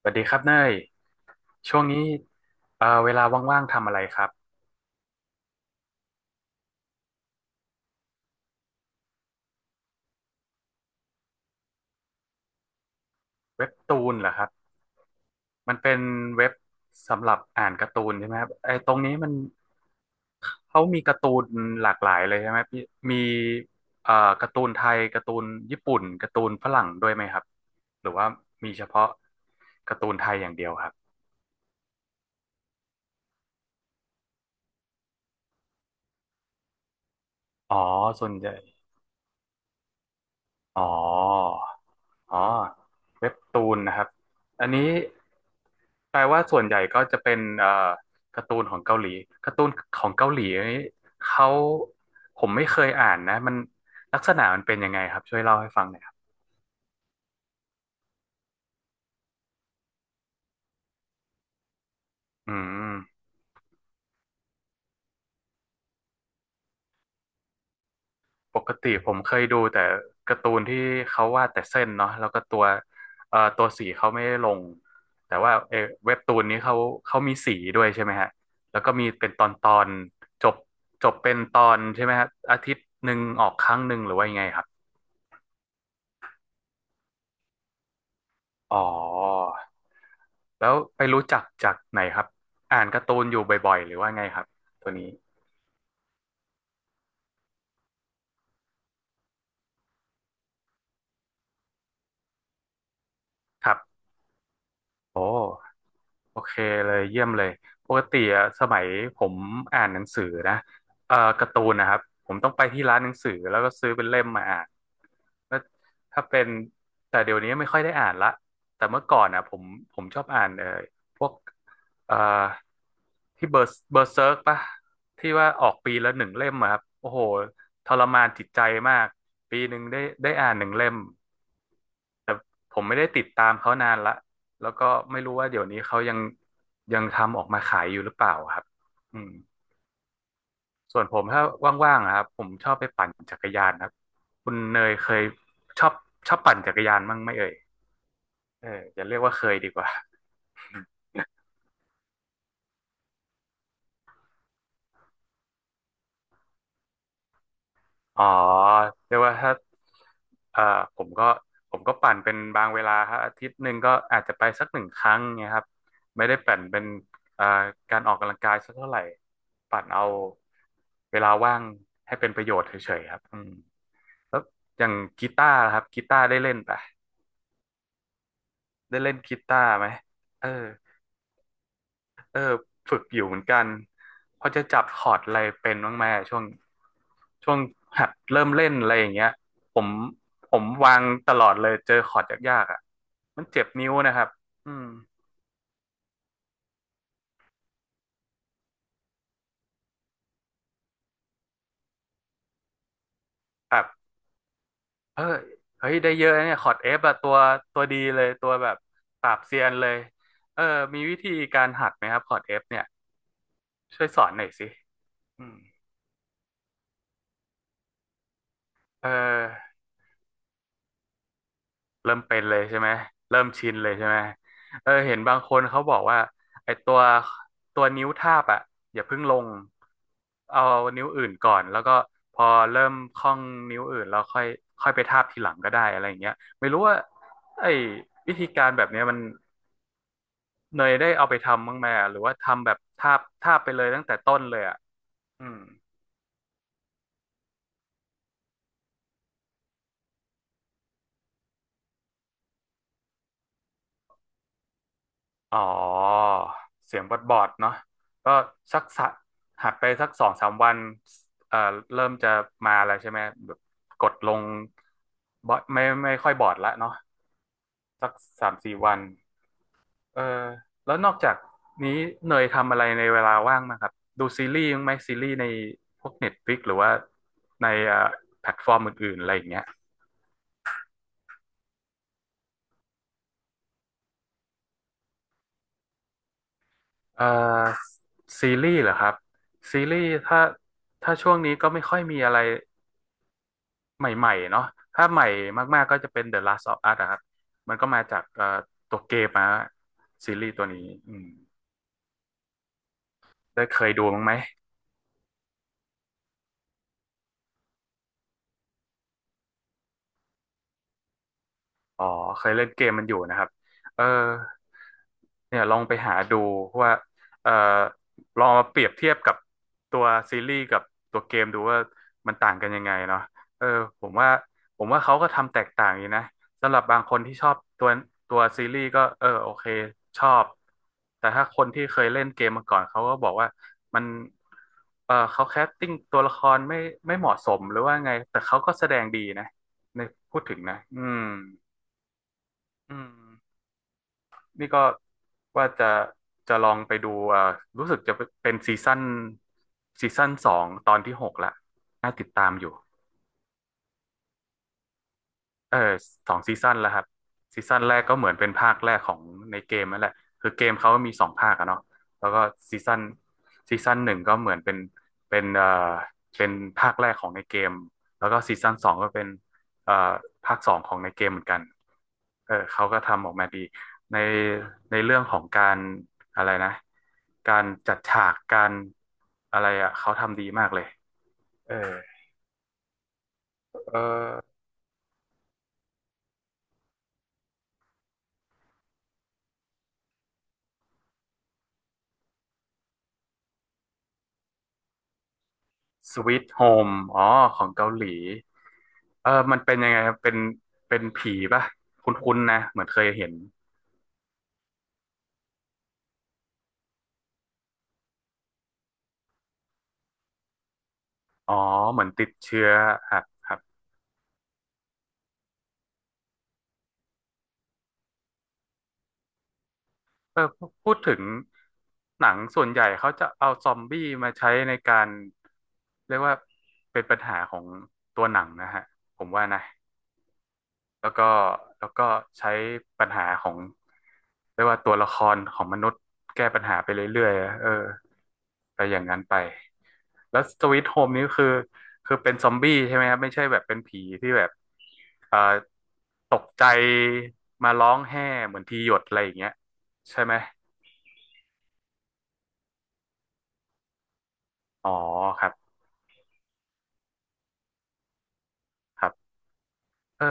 สวัสดีครับเนยช่วงนี้เวลาว่างๆทำอะไรครับ เว็บตูนเหรอครับ มันเป็นเว็บสำหรับอ่านการ์ตูนใช่ไหมครับไอ้ตรงนี้มันเขามีการ์ตูนหลากหลายเลยใช่ไหมพี่มีเอ่อการ์ตูนไทยการ์ตูนญี่ปุ่นการ์ตูนฝรั่งด้วยไหมครับหรือว่ามีเฉพาะการ์ตูนไทยอย่างเดียวครับอ๋อส่วนใหญ่อ๋อ อ๋อเว็บตูนนะครับอันนี้แปลว่าส่วนใหญ่ก็จะเป็นการ์ตูนของเกาหลีการ์ตูนของเกาหลีอันนี้เขาผมไม่เคยอ่านนะมันลักษณะมันเป็นยังไงครับช่วยเล่าให้ฟังหน่อยครับอืม ปกติผมเคยดูแต่การ์ตูนที่เขาวาดแต่เส้นเนาะแล้วก็ตัวสีเขาไม่ได้ลงแต่ว่าเว็บตูนนี้เขามีสีด้วยใช่ไหมฮะแล้วก็มีเป็นตอนตอนจบจบเป็นตอนใช่ไหมฮะอาทิตย์หนึ่งออกครั้งหนึ่งหรือว่ายังไงครับอ๋อแล้วไปรู้จักจากไหนครับอ่านการ์ตูนอยู่บ่อยๆหรือว่าไงครับตัวนี้ครับ โอ้โอเคเลยเยี่ยมเลยปกติอะสมัยผมอ่านหนังสือนะการ์ตูนนะครับผมต้องไปที่ร้านหนังสือแล้วก็ซื้อเป็นเล่มมาอ่านแล้วถ้าเป็นแต่เดี๋ยวนี้ไม่ค่อยได้อ่านละแต่เมื่อก่อนอ่ะผมชอบอ่านพวกเอ่อที่เบอร์เซิร์กปะที่ว่าออกปีละหนึ่งเล่มอะครับโอ้โหทรมานจิตใจมากปีหนึ่งได้อ่านหนึ่งเล่ม แต่ผมไม่ได้ติดตามเขานานละแล้วก็ไม่รู้ว่าเดี๋ยวนี้เขายังทำออกมาขายอยู่หรือเปล่าครับอืมส่วนผมถ้าว่างๆอะครับผมชอบไปปั่นจักรยานครับคุณเนยเคยชอบชอบปั่นจักรยานบ้างไหมเอ่ยเอออย่าเรียกว่าเคยดีกว่า อ๋อเรียกว่าถ้าเอ่อผมก็ผมก็ปั่นเป็นบางเวลาครับอาทิตย์หนึ่งก็อาจจะไปสักหนึ่งครั้งเงี้ยครับไม่ได้ปั่นเป็นเอ่อการออกกำลังกายสักเท่าไหร่ปั่นเอาเวลาว่างให้เป็นประโยชน์เฉยๆครับอืมแล้วอย่างกีตาร์ล่ะครับกีตาร์ได้เล่นปะได้เล่นกีตาร์ไหมเออ เออฝึกอยู่เหมือนกันพอจะจับคอร์ดอะไรเป็นบ้างไหมช่วงหัดเริ่มเล่นอะไรอย่างเงี้ยผมผมวางตลอดเลยเจอคอร์ดยากๆอ่ะมันเจ็บนิ้วนะครับ อืมแบบเออเฮ้ย ได้เยอะนะเนี่ยคอร์ดเอฟอะตัวดีเลยตัวแบบปราบเซียนเลย เออมีวิธีการหัดไหมครับคอร์ดเอฟเนี่ยช่วยสอนหน่อยสิอืมเออ เริ่มเป็นเลยใช่ไหมเริ่มชินเลยใช่ไหมเออเห็นบางคนเขาบอกว่าไอ้ตัวนิ้วทาบอ่ะอย่าเพิ่งลงเอานิ้วอื่นก่อนแล้วก็พอเริ่มคล่องนิ้วอื่นแล้วค่อยค่อยไปทาบทีหลังก็ได้อะไรอย่างเงี้ยไม่รู้ว่าไอ้วิธีการแบบเนี้ยมันเนยได้เอาไปทำบ้างไหมอะหรือว่าทำแบบทาบทาบไปเลยตั้งแต่ต้นเลยอ่ะอืม อ๋อเสียงบอดบอดเนาะก็สักสะหัดไปสักสองสามวันเอ่อเริ่มจะมาแล้วใช่ไหมแบบกดลงบอดไม่ค่อยบอดละเนาะสักสามสี่วันเออแล้วนอกจากนี้เนยทำอะไรในเวลาว่างบ้างครับดูซีรีส์บ้างไหมซีรีส์ในพวก Netflix หรือว่าในแพลตฟอร์มอื่นๆอะไรอย่างเงี้ยเอ่อซีรีส์เหรอครับซีรีส์ถ้าช่วงนี้ก็ไม่ค่อยมีอะไร ใหม่ๆเนาะถ้าใหม่มากๆก็จะเป็น The Last of Us อะครับ มันก็มาจากตัวเกมมาซีรีส์ตัวนี้อืมได้เคยดูมั้างไหม อ๋อเคยเล่นเกมมันอยู่นะครับเออเนี่ยลองไปหาดูว่าเออลองมาเปรียบเทียบกับตัวซีรีส์กับตัวเกมดูว่ามันต่างกันยังไงเนาะเออผมว่าผมว่าเขาก็ทำแตกต่างอยู่นะสำหรับบางคนที่ชอบตัวซีรีส์ก็เออโอเคชอบแต่ถ้าคนที่เคยเล่นเกมมาก่อนเขาก็บอกว่ามันเขาแคสติ้งตัวละครไม่เหมาะสมหรือว่าไงแต่เขาก็แสดงดีนะในพูดถึงนะอืมนี่ก็ว่าจะลองไปดูอ่ารู้สึกจะเป็นซีซั่นสองตอนที่หกละน่าติดตามอยู่ เออสองซีซั่นแล้วครับซีซั่นแรกก็เหมือนเป็นภาคแรกของในเกมนั่นแหละคือเกมเขามีสองภาคอะเนาะแล้วก็ซีซั่นหนึ่งก็เหมือนเป็นเป็นเอ่อเป็นภาคแรกของในเกมแล้วก็ซีซั่นสองก็เป็นเอ่อภาคสองของในเกมเหมือนกันเออเขาก็ทำออกมาดีในเรื่องของการอะไรนะการจัดฉากการอะไรอะเขาทำดีมากเลยเออเออ สว t h โฮมอ๋อของเกาหลีเออมันเป็นยังไงครับเป็นเป็นผีป่ะคุ้นๆนะเหมือนเคยเห็นอ๋อเหมือนติดเชื้อครับครับเออพูดถึงหนังส่วนใหญ่เขาจะเอาซอมบี้มาใช้ในการเรียกว่าเป็นปัญหาของตัวหนังนะฮะผมว่านะ แล้วก็แล้วก็ใช้ปัญหาของเรียกว่าตัวละครของมนุษย์แก้ปัญหาไปเรื่อยๆเออไปอย่างนั้นไปแล้วสวีทโฮมนี้คือคือเป็นซอมบี้ใช่ไหมครับไม่ใช่แบบเป็นผีที่แบบเอ่อตกใจมาร้องแห่เหมือนทีหยดอะไรอย่างเงี้ยใช่ไหมอ๋อครับครับเออ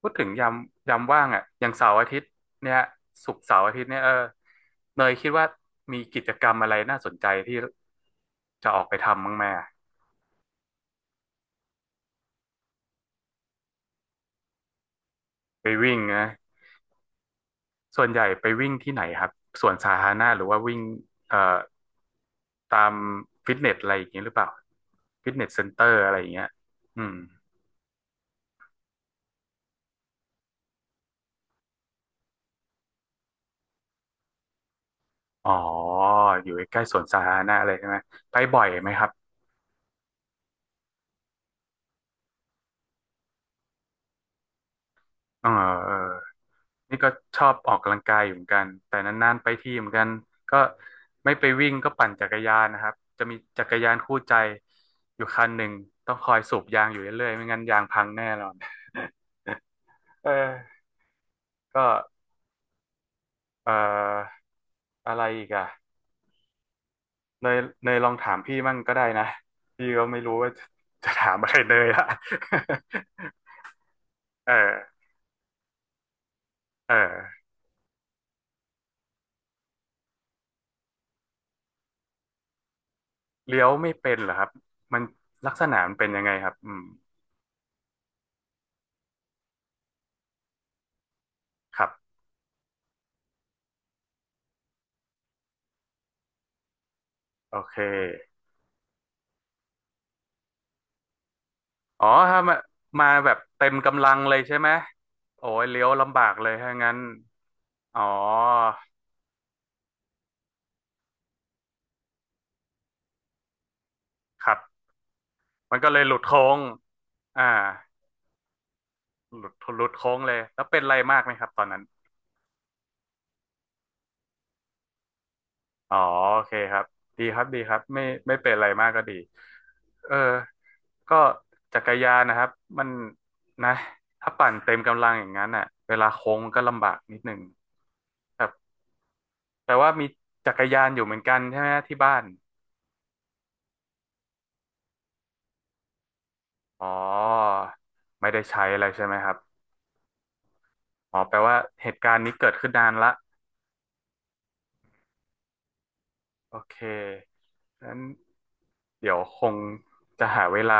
พูดถึงยามยามว่างอ่ะอย่างเสาร์อาทิตย์เนี่ยศุกร์เสาร์อาทิตย์เนี่ยเออเนยคิดว่ามีกิจกรรมอะไรน่าสนใจที่จะออกไปทำบ้างไหมอะไปวิ่งนะส่วนใหญ่ไปวิ่งที่ไหนครับสวนสาธารณะหรือว่าวิ่งเอ่อตามฟิตเนสอะไรอย่างเงี้ยหรือเปล่าฟิตเนสเซ็นเตอร์อะไรอย่างเงี้ยอืมอ๋ออยู่ใกล้ๆสวนสาธารณะอะไรใช่ไหมไปบ่อยไหมครับเออเออ นี่ก็ชอบออกกำลังกายอยู่เหมือนกันแต่นานๆไปทีเหมือนกันก็ไม่ไปวิ่งก็ปั่นจักรยานนะครับจะมีจักรยานคู่ใจอยู่คันหนึ่งต้องคอยสูบยางอยู่เรื่อยๆไม่งั้นยางพังแน่นอน เออก็เอ่ออะไรอีกอ่ะเนยเนยลองถามพี่มั่งก็ได้นะพี่ก็ไม่รู้ว่า จะจะถามอะไรเนยละ เออเออเลี้ยวไม่เป็นเหรอครับมันลักษณะมันเป็นยังไงครับอืมครับโอเค อ๋อ ถ้ามามาแบบเต็มกำลังเลยใช่ไหม โอ้ยเลี้ยวลำบากเลยถ้างั้นอ๋อครับมันก็เลยหลุดโค้งอ่าหลุดโค้งเลย แล้วเป็นอะไรมากไหมครับตอนนั้นอ๋อโอเคครับดีครับดีครับไม่ไม่เป็นอะไรมากก็ดีเออก็จักรยานนะครับมันนะถ้าปั่นเต็มกำลังอย่างนั้นอ่ะเวลาโค้งมันก็ลำบากนิดหนึ่งครับแต่ว่ามีจักรยานอยู่เหมือนกันใช่ไหมที่บ้าน อ๋อไม่ได้ใช้อะไรใช่ไหมครับอ๋อแปลว่าเหตุการณ์นี้เกิดขึ้นนานละโอเคงั้นเดี๋ยวคงจะหาเวลา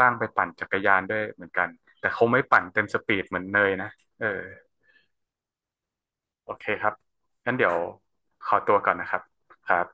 ว่างๆไปปั่นจักรยานด้วยเหมือนกันแต่คงไม่ปั่นเต็มสปีดเหมือนเนยนะเออโอเคครับงั้นเดี๋ยวขอตัวก่อนนะครับครับ